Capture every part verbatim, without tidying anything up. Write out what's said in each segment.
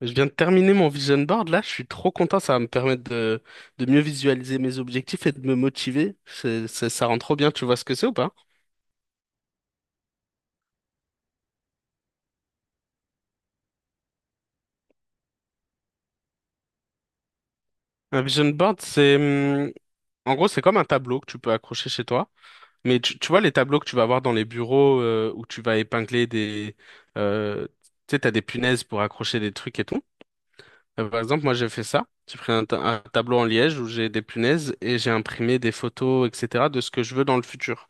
Je viens de terminer mon vision board là, je suis trop content, ça va me permettre de, de mieux visualiser mes objectifs et de me motiver. C'est, c'est- ça rend trop bien, tu vois ce que c'est ou pas? Un vision board, c'est hum, en gros c'est comme un tableau que tu peux accrocher chez toi, mais tu, tu vois les tableaux que tu vas avoir dans les bureaux euh, où tu vas épingler des, euh, tu sais t'as des punaises pour accrocher des trucs et tout. Euh, par exemple moi j'ai fait ça, j'ai pris un, ta- un tableau en liège où j'ai des punaises et j'ai imprimé des photos etc de ce que je veux dans le futur.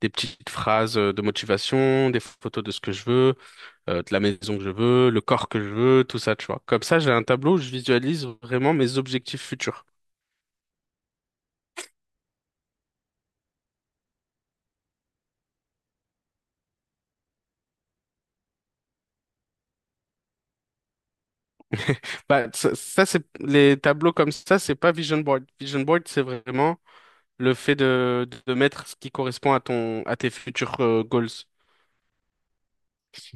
Des petites phrases euh, de motivation, des photos de ce que je veux, euh, de la maison que je veux, le corps que je veux, tout ça, tu vois. Comme ça, j'ai un tableau où je visualise vraiment mes objectifs futurs. Bah, ça, ça, c'est les tableaux comme ça, c'est pas vision board. Vision board, c'est vraiment le fait de, de mettre ce qui correspond à ton à tes futurs euh, goals.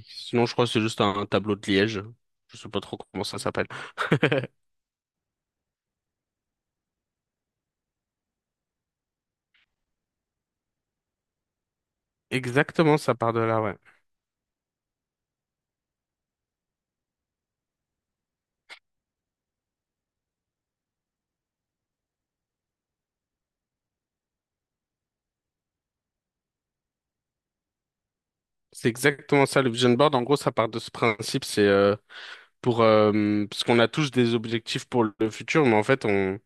Sinon, je crois que c'est juste un, un tableau de Liège. Je sais pas trop comment ça s'appelle. Exactement, ça part de là, ouais. C'est exactement ça, le vision board. En gros, ça part de ce principe. C'est euh, pour euh, parce qu'on a tous des objectifs pour le futur, mais en fait on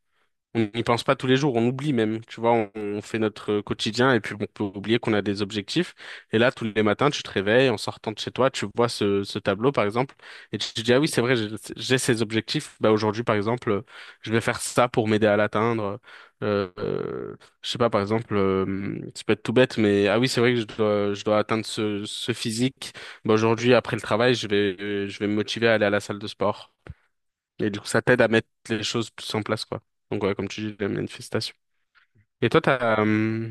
on n'y pense pas tous les jours, on oublie même, tu vois, on, on fait notre quotidien et puis on peut oublier qu'on a des objectifs. Et là, tous les matins, tu te réveilles en sortant de chez toi, tu vois ce, ce tableau, par exemple, et tu te dis, ah oui, c'est vrai, j'ai j'ai ces objectifs. Bah, aujourd'hui, par exemple, euh, je vais faire ça pour m'aider à l'atteindre. Euh, euh, je sais pas, par exemple, euh, ça peut être tout bête, mais ah oui, c'est vrai que je dois, je dois atteindre ce, ce physique. Bah, aujourd'hui, après le travail, je vais, je vais me motiver à aller à la salle de sport. Et du coup, ça t'aide à mettre les choses plus en place, quoi. Donc, ouais, comme tu dis, la manifestation. Et toi, t'as, euh,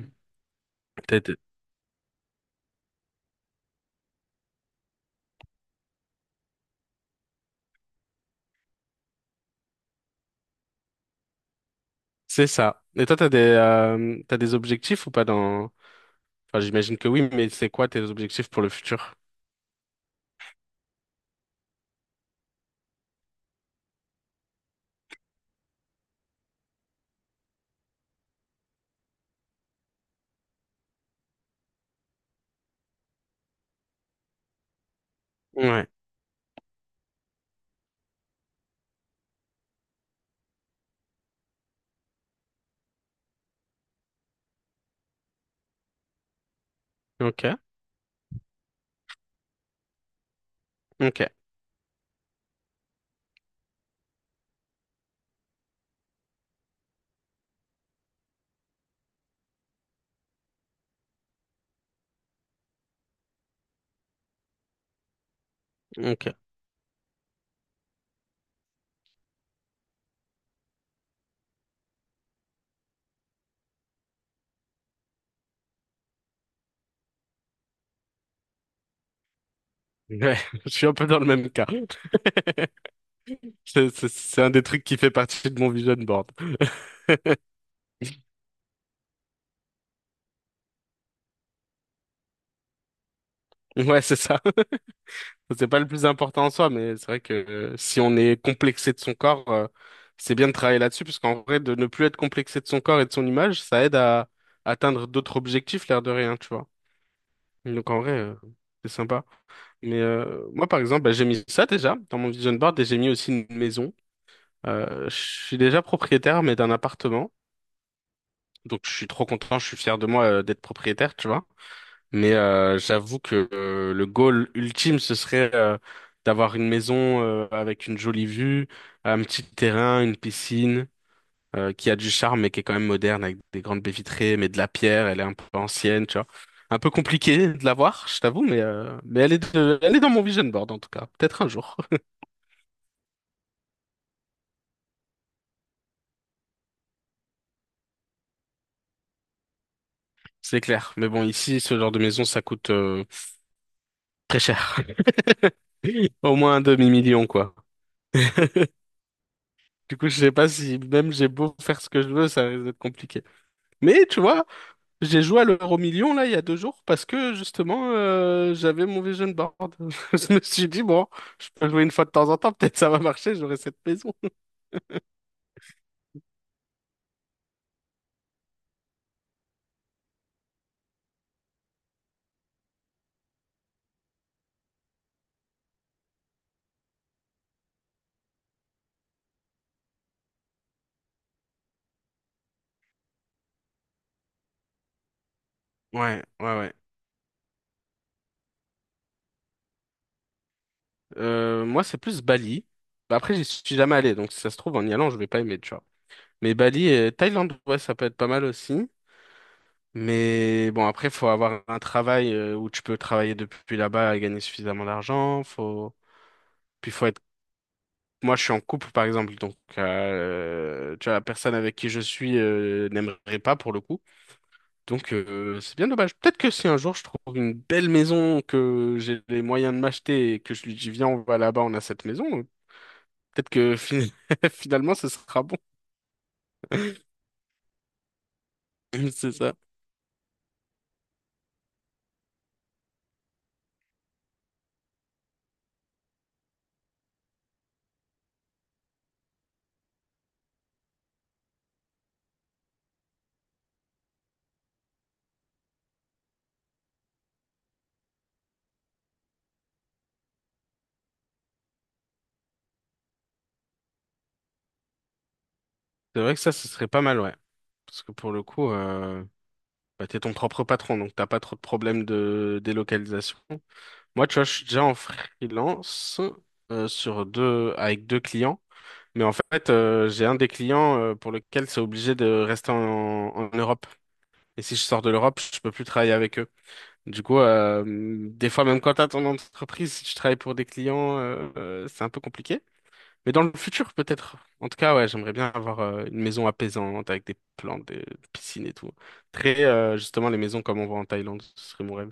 t'as- t'as- c'est ça. Et toi, t'as des, euh, t'as des objectifs ou pas dans, enfin, j'imagine que oui, mais c'est quoi tes objectifs pour le futur? Ouais. Ok. Ok. Ok. Ouais. Je suis un peu dans le même cas. C'est c'est- c'est un des trucs qui fait partie de mon vision board. Ouais, c'est ça. C'est pas le plus important en soi, mais c'est vrai que euh, si on est complexé de son corps, euh, c'est bien de travailler là-dessus, parce qu'en vrai, de ne plus être complexé de son corps et de son image, ça aide à atteindre d'autres objectifs, l'air de rien, tu vois. Donc en vrai, euh, c'est sympa. Mais euh, moi, par exemple, bah, j'ai mis ça déjà dans mon vision board et j'ai mis aussi une maison. Euh, je suis déjà propriétaire, mais d'un appartement. Donc je suis trop content, je suis fier de moi euh, d'être propriétaire, tu vois. Mais euh, j'avoue que euh, le goal ultime, ce serait euh, d'avoir une maison euh, avec une jolie vue, un petit terrain, une piscine euh, qui a du charme mais qui est quand même moderne avec des grandes baies vitrées, mais de la pierre, elle est un peu ancienne, tu vois. Un peu compliqué de l'avoir, je t'avoue, mais, euh, mais elle est de- elle est dans mon vision board en tout cas. Peut-être un jour. C'est clair. Mais bon, ici, ce genre de maison, ça coûte euh, très cher. Au moins un demi-million, quoi. Du coup, je sais pas si même j'ai beau faire ce que je veux, ça risque d'être compliqué. Mais tu vois, j'ai joué à l'euro million là il y a deux jours parce que justement euh, j'avais mon vision board. Je me suis dit bon, je peux jouer une fois de temps en temps, peut-être ça va marcher, j'aurai cette maison. Ouais, ouais, ouais. Euh, moi c'est plus Bali. Bah, après j'y suis jamais allé, donc si ça se trouve en y allant je vais pas aimer, tu vois. Mais Bali et Thaïlande, ouais, ça peut être pas mal aussi. Mais bon après faut avoir un travail euh, où tu peux travailler depuis là-bas et gagner suffisamment d'argent. Faut puis faut être moi, je suis en couple, par exemple, donc euh, tu vois, la personne avec qui je suis euh, n'aimerait pas pour le coup. Donc, euh, c'est bien dommage. Peut-être que si un jour je trouve une belle maison, que j'ai les moyens de m'acheter et que je lui dis, viens, on va là-bas, on a cette maison, euh, peut-être que fi- finalement, ce sera bon. C'est ça. C'est vrai que ça, ce serait pas mal, ouais. Parce que pour le coup, euh, bah, t'es ton propre patron, donc t'as pas trop de problèmes de délocalisation. Moi, tu vois, je suis déjà en freelance euh, sur deux, avec deux clients. Mais en fait, euh, j'ai un des clients euh, pour lequel c'est obligé de rester en, en Europe. Et si je sors de l'Europe, je peux plus travailler avec eux. Du coup, euh, des fois, même quand t'as ton entreprise, si tu travailles pour des clients, euh, euh, c'est un peu compliqué. Mais dans le futur, peut-être. En tout cas, ouais, j'aimerais bien avoir euh, une maison apaisante avec des plantes, des piscines et tout. Très, euh, justement, les maisons comme on voit en Thaïlande, ce serait mon rêve.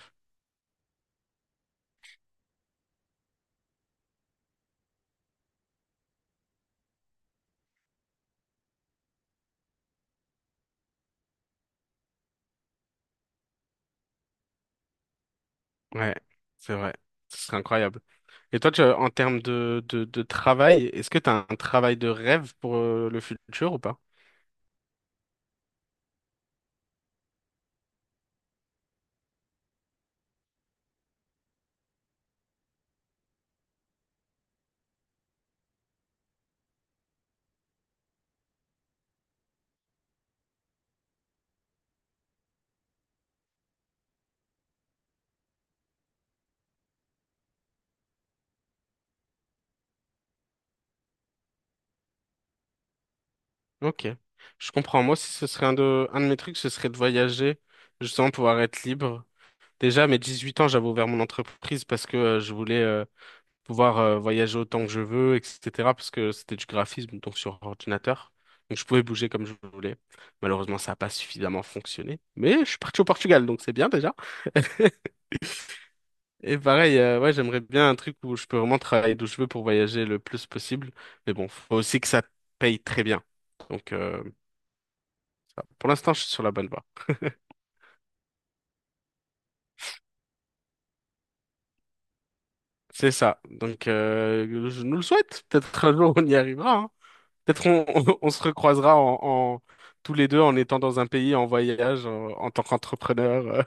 Ouais, c'est vrai. Ce serait incroyable. Et toi, tu, en termes de, de, de travail, est-ce que tu as un travail de rêve pour euh, le futur ou pas? Ok. Je comprends. Moi, si ce serait un de, un de mes trucs, ce serait de voyager, justement, pouvoir être libre. Déjà, à mes huit ans, j'avais ouvert mon entreprise parce que euh, je voulais euh, pouvoir euh, voyager autant que je veux, et cetera. Parce que c'était du graphisme, donc sur ordinateur. Donc, je pouvais bouger comme je voulais. Malheureusement, ça n'a pas suffisamment fonctionné. Mais je suis parti au Portugal, donc c'est bien déjà. Et pareil, euh, ouais, j'aimerais bien un truc où je peux vraiment travailler d'où je veux pour voyager le plus possible. Mais bon, faut aussi que ça paye très bien. Donc, euh, pour l'instant, je suis sur la bonne voie. C'est ça. Donc, euh, je nous le souhaite. Peut-être un jour, on y arrivera, hein. Peut-être on, on, on se recroisera en, en- tous les deux en étant dans un pays, en voyage, en, en tant qu'entrepreneur.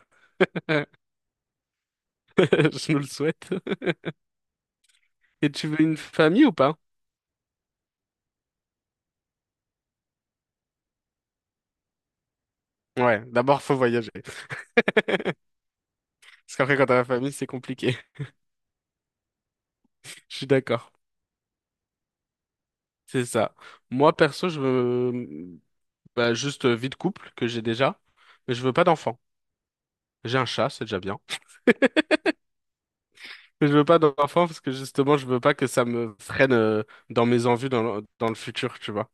euh, Je nous le souhaite. Et tu veux une famille ou pas? Ouais, d'abord, faut voyager. Parce qu'après, quand t'as la famille, c'est compliqué. Je suis d'accord. C'est ça. Moi, perso, je veux mmh, bah, juste euh, vie de couple que j'ai déjà, mais je veux pas d'enfant. J'ai un chat, c'est déjà bien. Mais je veux pas d'enfant parce que justement, je veux pas que ça me freine euh, dans mes envies dans le, dans le futur, tu vois.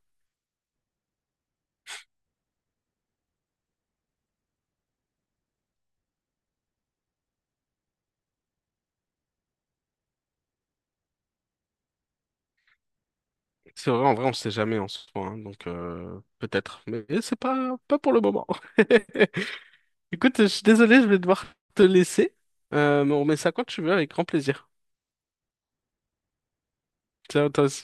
C'est vrai, en vrai, on sait jamais en soi, hein, donc euh, peut-être, mais c'est pas pas pour le moment. Écoute, je suis désolé, je vais devoir te laisser, euh, mais on remet ça quand tu veux avec grand plaisir. Ciao, toi aussi.